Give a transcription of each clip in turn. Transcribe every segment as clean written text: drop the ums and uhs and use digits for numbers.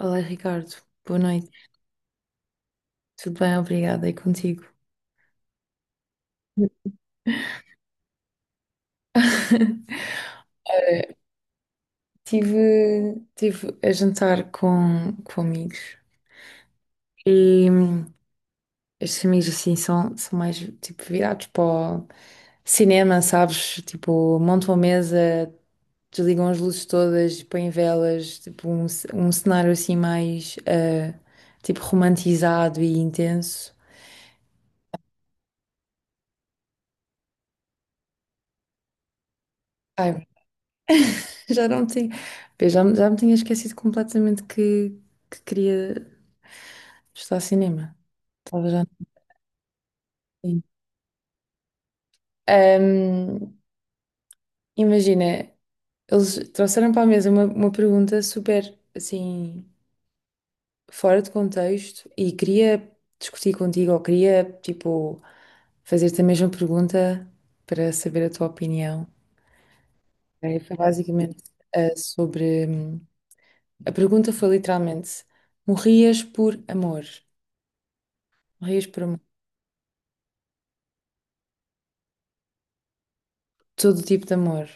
Olá, Ricardo. Boa noite. Tudo bem? Obrigada. E contigo? Eh, Tive, tive a jantar com amigos e estes amigos assim são mais tipo virados para o cinema, sabes? Tipo, montam a mesa, desligam as luzes todas, põem velas, tipo um cenário assim mais tipo romantizado e intenso. Ai, já não tinha, já me tinha esquecido completamente que queria. Está a cinema. Estava já no cinema. Ahm, imagina, eles trouxeram para a mesa uma pergunta super, assim, fora de contexto e queria discutir contigo ou queria, tipo, fazer-te a mesma pergunta para saber a tua opinião. Foi basicamente, sobre... A pergunta foi literalmente, morrias por amor? Morrias por amor? Todo tipo de amor.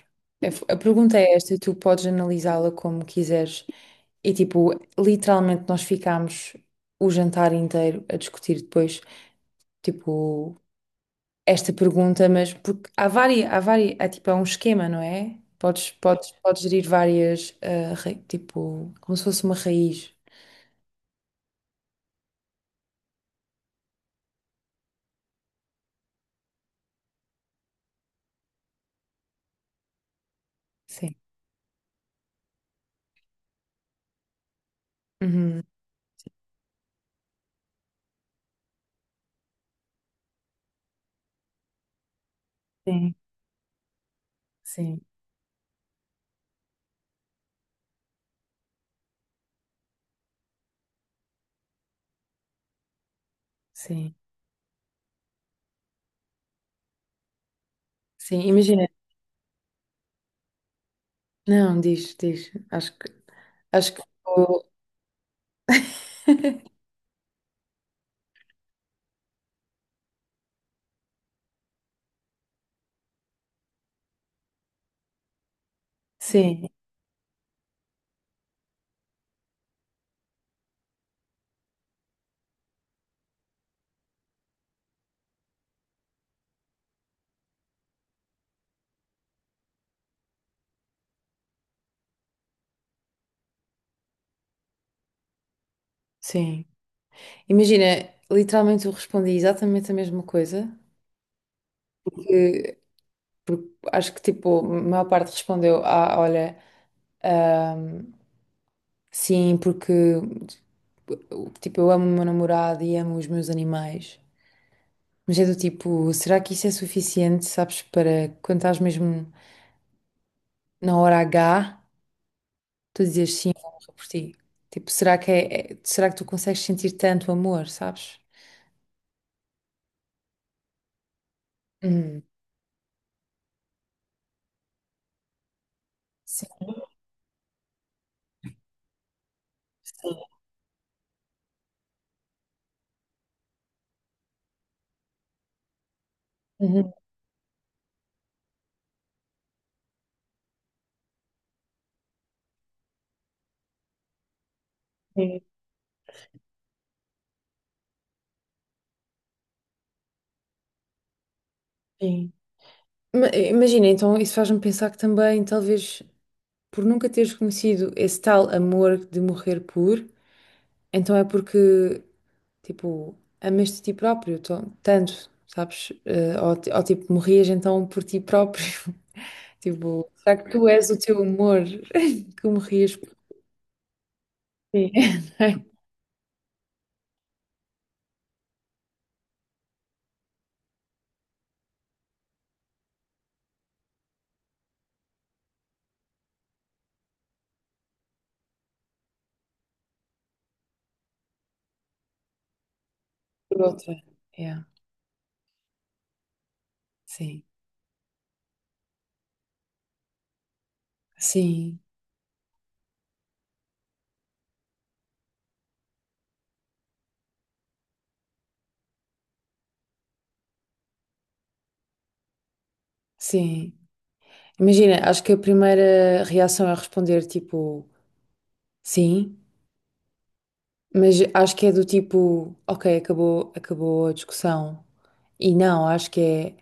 A pergunta é esta e tu podes analisá-la como quiseres. E tipo, literalmente nós ficámos o jantar inteiro a discutir depois, tipo, esta pergunta, mas porque há várias, há tipo, é um esquema, não é? Podes gerir várias, tipo, como se fosse uma raiz. Sim. Uhum. Sim, sim, sim. Sim, imagina. Não, diz, diz. Acho que. Sim, sim. Imagina, literalmente eu respondi exatamente a mesma coisa, que, porque acho que tipo, a maior parte respondeu, ah, olha, ahm, sim, porque tipo, eu amo o meu namorado e amo os meus animais. Mas é do tipo, será que isso é suficiente, sabes, para quando estás mesmo na hora H, tu dizes sim, eu morro por ti? Tipo, será que é, é- será que tu consegues sentir tanto amor, sabes? Hum, sim, sim. Uhum, sim, sim. Imagina, então isso faz-me pensar que também, talvez, por nunca teres conhecido esse tal amor de morrer por, então é porque, tipo, amaste a ti próprio tanto, sabes? Ou, tipo, morrias então por ti próprio. Tipo, será que tu és o teu amor que morrias por ti? Por outra. Yeah. Sim, sim, sim. Imagina, acho que a primeira reação é responder, tipo, sim. Mas acho que é do tipo, ok, acabou, acabou a discussão. E não, acho que é,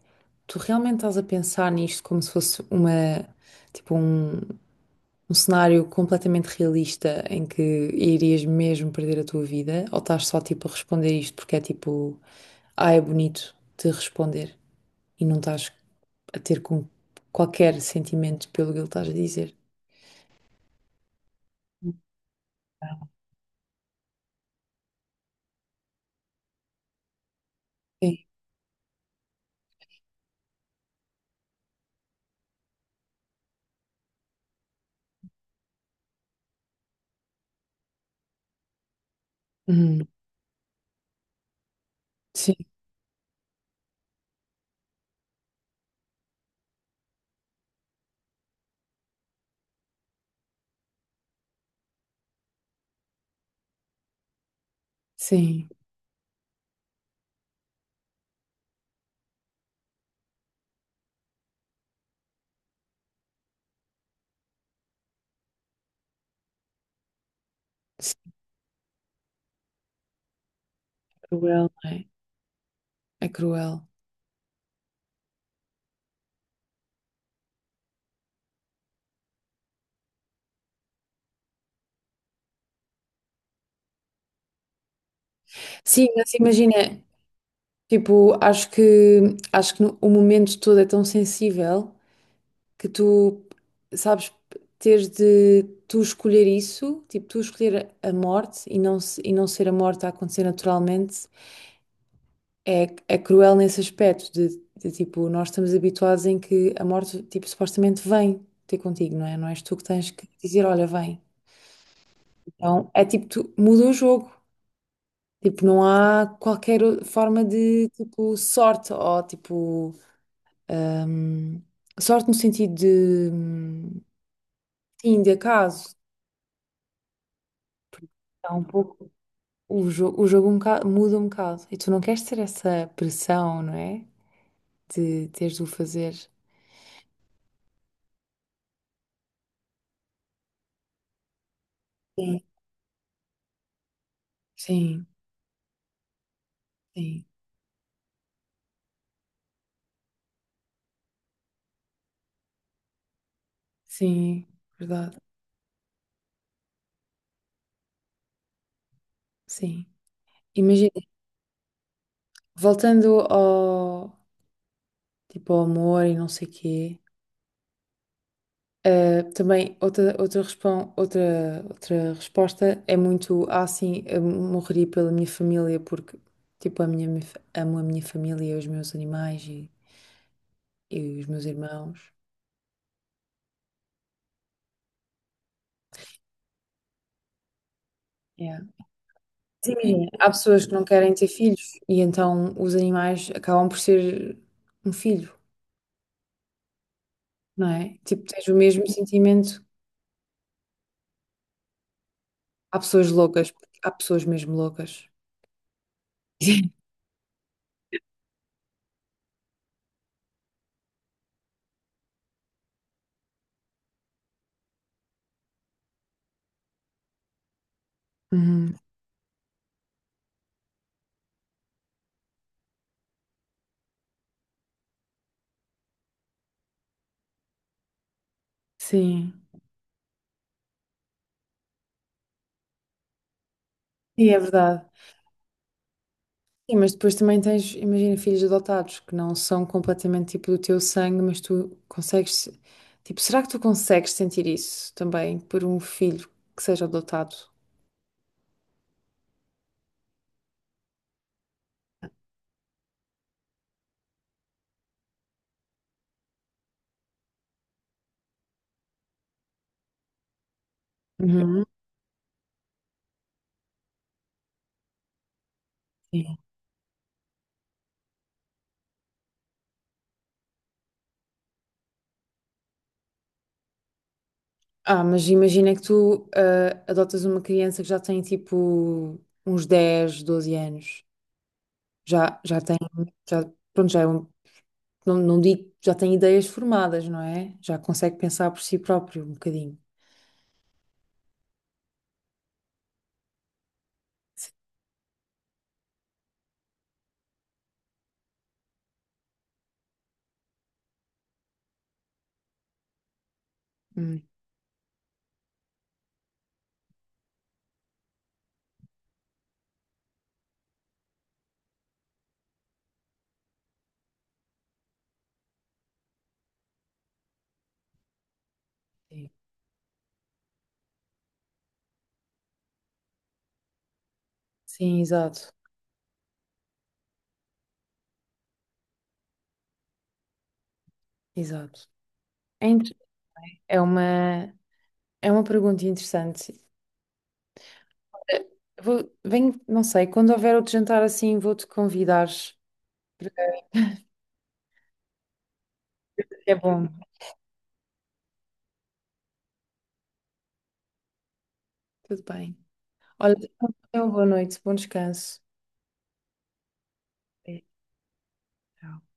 tu realmente estás a pensar nisto como se fosse uma, tipo um, um cenário completamente realista em que irias mesmo perder a tua vida? Ou estás só tipo a responder isto porque é tipo, ah, é bonito de responder e não estás a ter com qualquer sentimento pelo que ele estás a dizer? Sim. Uhum. Sim, sim, sim, é cruel, não é? É cruel. Sim, mas imagina. Tipo, acho que o momento todo é tão sensível que tu, sabes, teres de tu escolher isso, tipo, tu escolher a morte e não, e não ser a morte a acontecer naturalmente, é, é cruel nesse aspecto de, tipo, nós estamos habituados em que a morte, tipo, supostamente vem ter contigo, não é? Não és tu que tens que dizer, olha, vem. Então, é tipo, tu muda o jogo. Tipo, não há qualquer forma de, tipo, sorte ou, tipo... Ahm, sorte no sentido de, sim, de acaso. Está um pouco, o, jo o jogo muda um bocado. E tu não queres ter essa pressão, não é? De teres de o fazer. Sim. Sim, sim, sim, verdade. Sim. Imagina, voltando ao, tipo, ao amor e não sei quê. Também outra resposta é muito sim, eu morreria pela minha família porque tipo, amo a minha família, os meus animais e os meus irmãos. Yeah. Sim, imagina, há pessoas que não querem ter filhos e então os animais acabam por ser um filho, não é? Tipo, tens o mesmo sentimento. Há pessoas loucas, há pessoas mesmo loucas. Uhum. Sim, sim, é verdade. Sim, mas depois também tens, imagina, filhos adotados que não são completamente tipo do teu sangue, mas tu consegues, tipo, será que tu consegues sentir isso também por um filho que seja adotado? Uhum. Sim. Ah, mas imagina que tu adotas uma criança que já tem tipo uns 10 12 anos. Já tem, já, pronto, já é um, não, não digo, já tem ideias formadas, não é? Já consegue pensar por si próprio um bocadinho. Hum, Sim, sim, exato, exato. É É uma, é uma pergunta interessante. Eh, Vou, venho, não sei, quando houver outro jantar assim, vou-te convidar. É bom. Tudo bem. Olha, tenha uma boa noite, bom descanso. É, tchau.